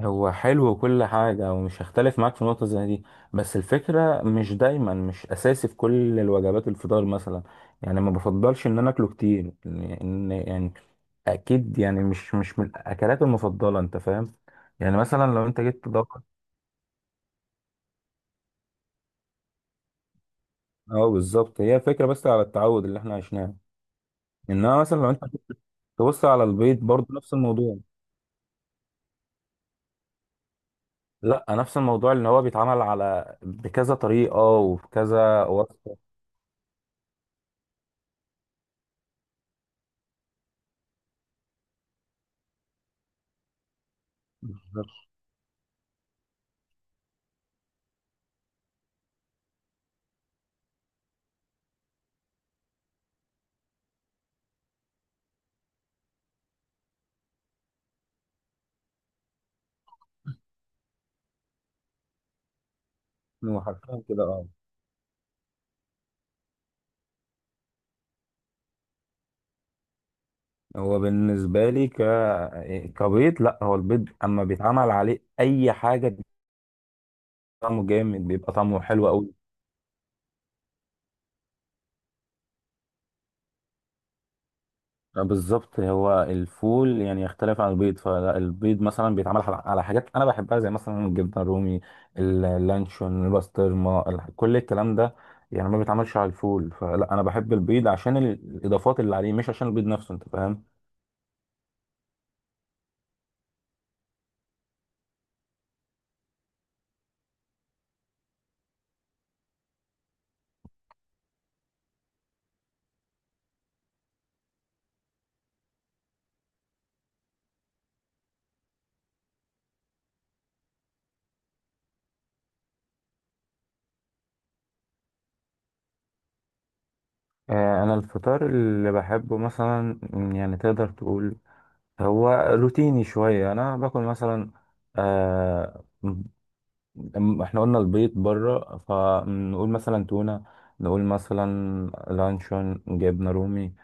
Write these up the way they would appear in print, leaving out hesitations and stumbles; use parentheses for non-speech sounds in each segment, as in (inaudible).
هو حلو وكل حاجة ومش هختلف معاك في نقطة زي دي. بس الفكرة مش دايما، مش أساسي في كل الوجبات، الفطار مثلا، يعني ما بفضلش إن أنا أكله كتير لأن، يعني أكيد، يعني مش من الأكلات المفضلة، أنت فاهم؟ يعني مثلا لو أنت جيت تدور. أه بالظبط، هي فكرة بس على التعود اللي إحنا عشناه. إنما مثلا لو أنت تبص على البيض برضه نفس الموضوع. لا، نفس الموضوع اللي هو بيتعمل على بكذا طريقة وبكذا وصفة. بالظبط. وحرفيا كده اه. هو بالنسبة لي كبيض، لا هو البيض اما بيتعمل عليه اي حاجة بيبقى طعمه جامد، بيبقى طعمه حلو قوي. بالظبط هو الفول يعني يختلف عن البيض. فالبيض مثلا بيتعمل على حاجات انا بحبها زي مثلا الجبنة الرومي، اللانشون، البسطرمة، كل الكلام ده. يعني ما بيتعملش على الفول، فلا انا بحب البيض عشان الاضافات اللي عليه مش عشان البيض نفسه، انت فاهم؟ آه، انا الفطار اللي بحبه مثلا، يعني تقدر تقول هو روتيني شوية. أنا باكل مثلا، آه، إحنا قلنا البيض بره، فنقول مثلا تونة، نقول مثلا لانشون، جبنة رومي،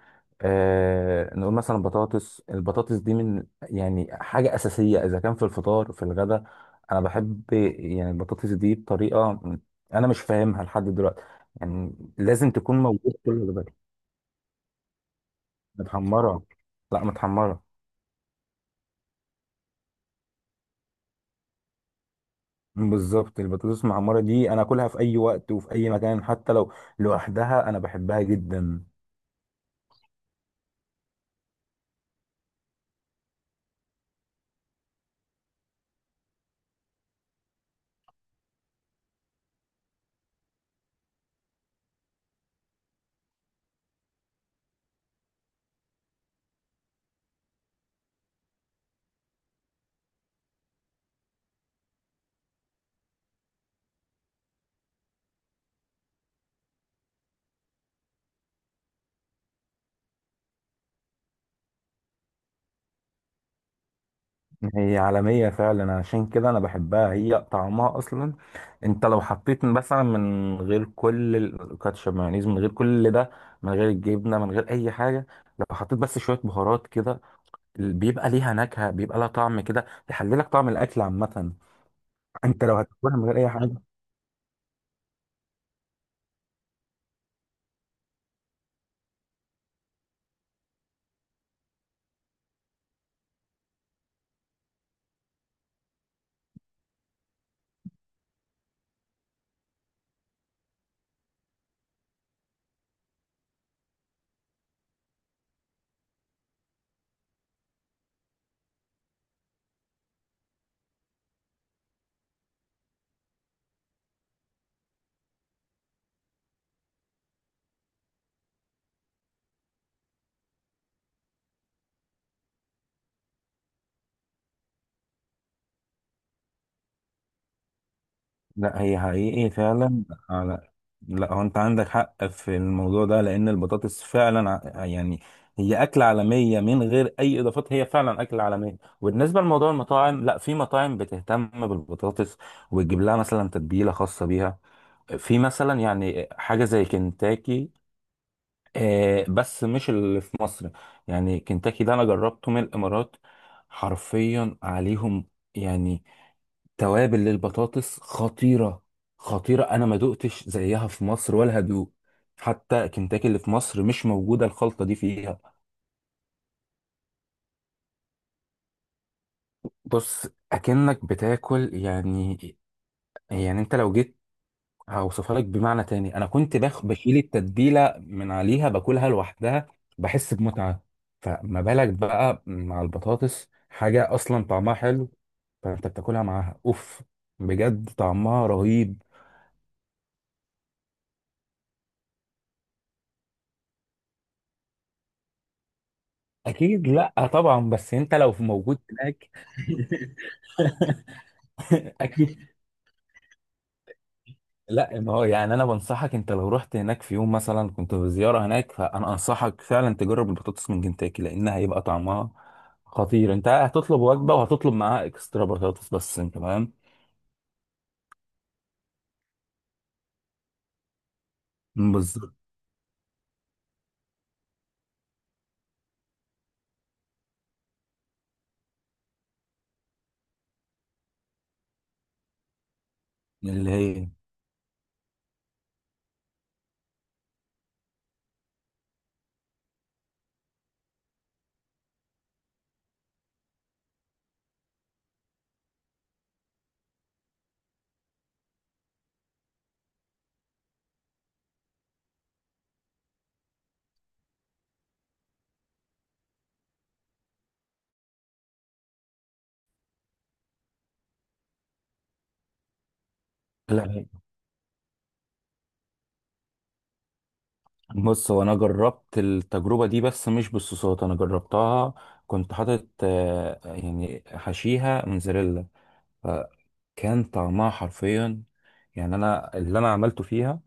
آه، نقول مثلا بطاطس. البطاطس دي من يعني حاجة أساسية إذا كان في الفطار في الغداء. أنا بحب يعني البطاطس دي بطريقة أنا مش فاهمها لحد دلوقتي، يعني لازم تكون موجودة في كل الغداء. متحمرة، لا متحمرة. بالظبط، البطاطس المحمرة دي أنا أكلها في أي وقت وفي أي مكان، حتى لو لوحدها أنا بحبها جدا. هي عالمية فعلا، عشان كده أنا بحبها، هي طعمها أصلا. أنت لو حطيت مثلا من غير كل الكاتشب، مايونيز، من غير كل ده، من غير الجبنة، من غير أي حاجة، لو حطيت بس شوية بهارات كده بيبقى ليها نكهة، بيبقى لها طعم كده يحللك طعم الأكل عامة. أنت لو هتاكلها من غير أي حاجة. لا هي حقيقي فعلا، على، لا هو انت عندك حق في الموضوع ده لان البطاطس فعلا يعني هي اكلة عالمية من غير اي اضافات، هي فعلا اكلة عالمية. وبالنسبة لموضوع المطاعم، لا في مطاعم بتهتم بالبطاطس وتجيب لها مثلا تتبيلة خاصة بيها، في مثلا يعني حاجة زي كنتاكي، آه، بس مش اللي في مصر. يعني كنتاكي ده انا جربته من الامارات، حرفيا عليهم يعني توابل للبطاطس خطيرة. خطيرة، أنا ما دقتش زيها في مصر ولا هدوق. حتى كنتاكي اللي في مصر مش موجودة الخلطة دي فيها. بص أكنك بتاكل يعني، يعني أنت لو جيت هوصفها لك بمعنى تاني. أنا كنت باخ بشيل التتبيلة من عليها باكلها لوحدها، بحس بمتعة، فما بالك بقى مع البطاطس حاجة أصلا طعمها حلو، فأنت بتاكلها معاها أوف، بجد طعمها رهيب. اكيد، لا طبعا، بس انت لو في موجود هناك. اكيد. لا ما هو يعني انا بنصحك، انت لو رحت هناك في يوم مثلا كنت في زياره هناك، فانا انصحك فعلا تجرب البطاطس من كنتاكي لانها هيبقى طعمها خطير. انت هتطلب وجبه وهتطلب معاها اكسترا بطاطس بس، انت فاهم؟ بالظبط. اللي هي. لا بص، هو انا جربت التجربه دي بس مش بالصوصات، انا جربتها كنت حاطط آه، يعني حشيها موزاريلا. كان طعمها حرفيا، يعني انا اللي انا عملته فيها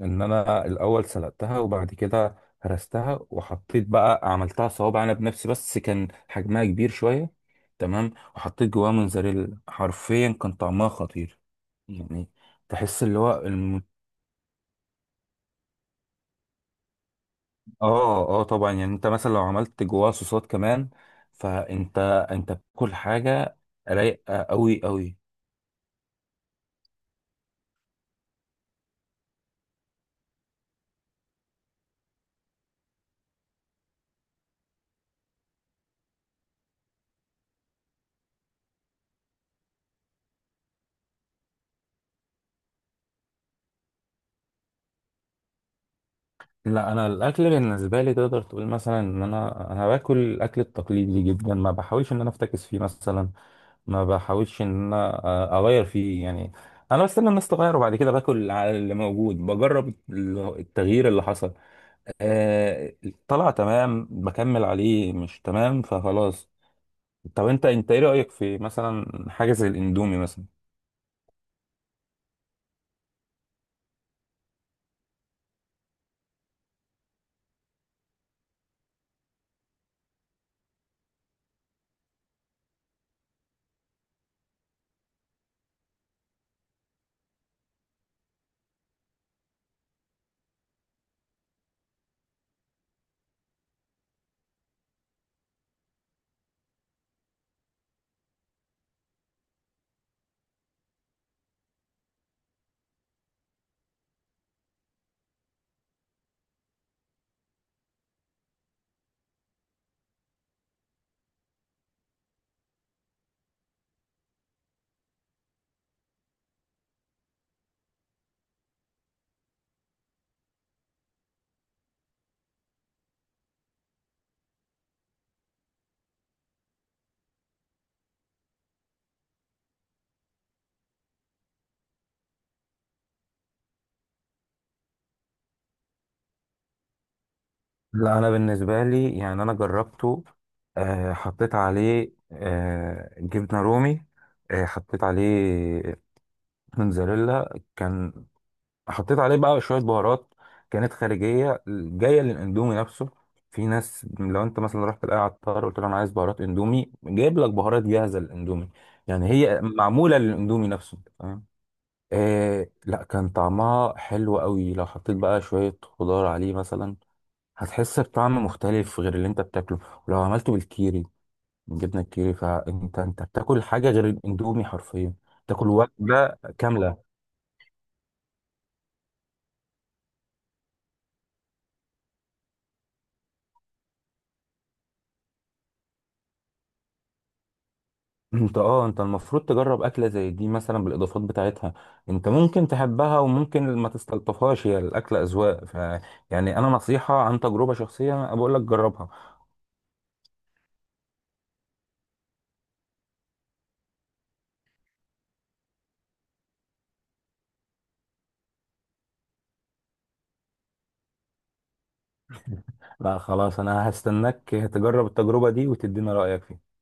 ان انا الاول سلقتها، وبعد كده هرستها، وحطيت بقى، عملتها صوابع انا بنفسي، بس كان حجمها كبير شويه. تمام، وحطيت جواها موزاريلا، حرفيا كان طعمها خطير يعني. تحس اللي هو اه اه طبعا. يعني انت مثلا لو عملت جواها صوصات كمان فانت، انت بتاكل حاجه رايقه قوي قوي. لا انا الاكل بالنسبه لي تقدر تقول مثلا ان انا باكل الاكل التقليدي جدا، ما بحاولش ان انا افتكس فيه مثلا، ما بحاولش ان انا، آه، اغير فيه يعني. انا بستنى الناس تغير وبعد كده باكل على اللي موجود، بجرب التغيير اللي حصل. آه، طلع تمام بكمل عليه، مش تمام فخلاص. طب انت ايه رايك في مثلا حاجه زي الاندومي مثلا. لا انا بالنسبه لي يعني انا جربته، آه، حطيت عليه آه، جبنه رومي، آه، حطيت عليه موتزاريلا كان، حطيت عليه بقى شويه بهارات كانت خارجيه جايه للاندومي نفسه. في ناس لو انت مثلا رحت لاي عطار قلت له انا عايز بهارات اندومي جايب لك بهارات جاهزه للاندومي، يعني هي معموله للاندومي نفسه، فاهم؟ آه لا كان طعمها حلو قوي. لو حطيت بقى شويه خضار عليه مثلا هتحس بطعم مختلف غير اللي انت بتاكله. ولو عملته بالكيري، بالجبنه الكيري، فانت بتاكل حاجه غير الاندومي حرفيا، تاكل وجبه كامله. (laughs) (clears throat) انت اه انت المفروض تجرب اكله زي دي مثلا بالاضافات بتاعتها. انت ممكن تحبها وممكن ما تستلطفهاش، هي الاكله اذواق، ف يعني انا نصيحه عن تجربه شخصيه انا بقول لك جربها. لا خلاص انا هستناك تجرب التجربه دي وتدينا رايك فيها.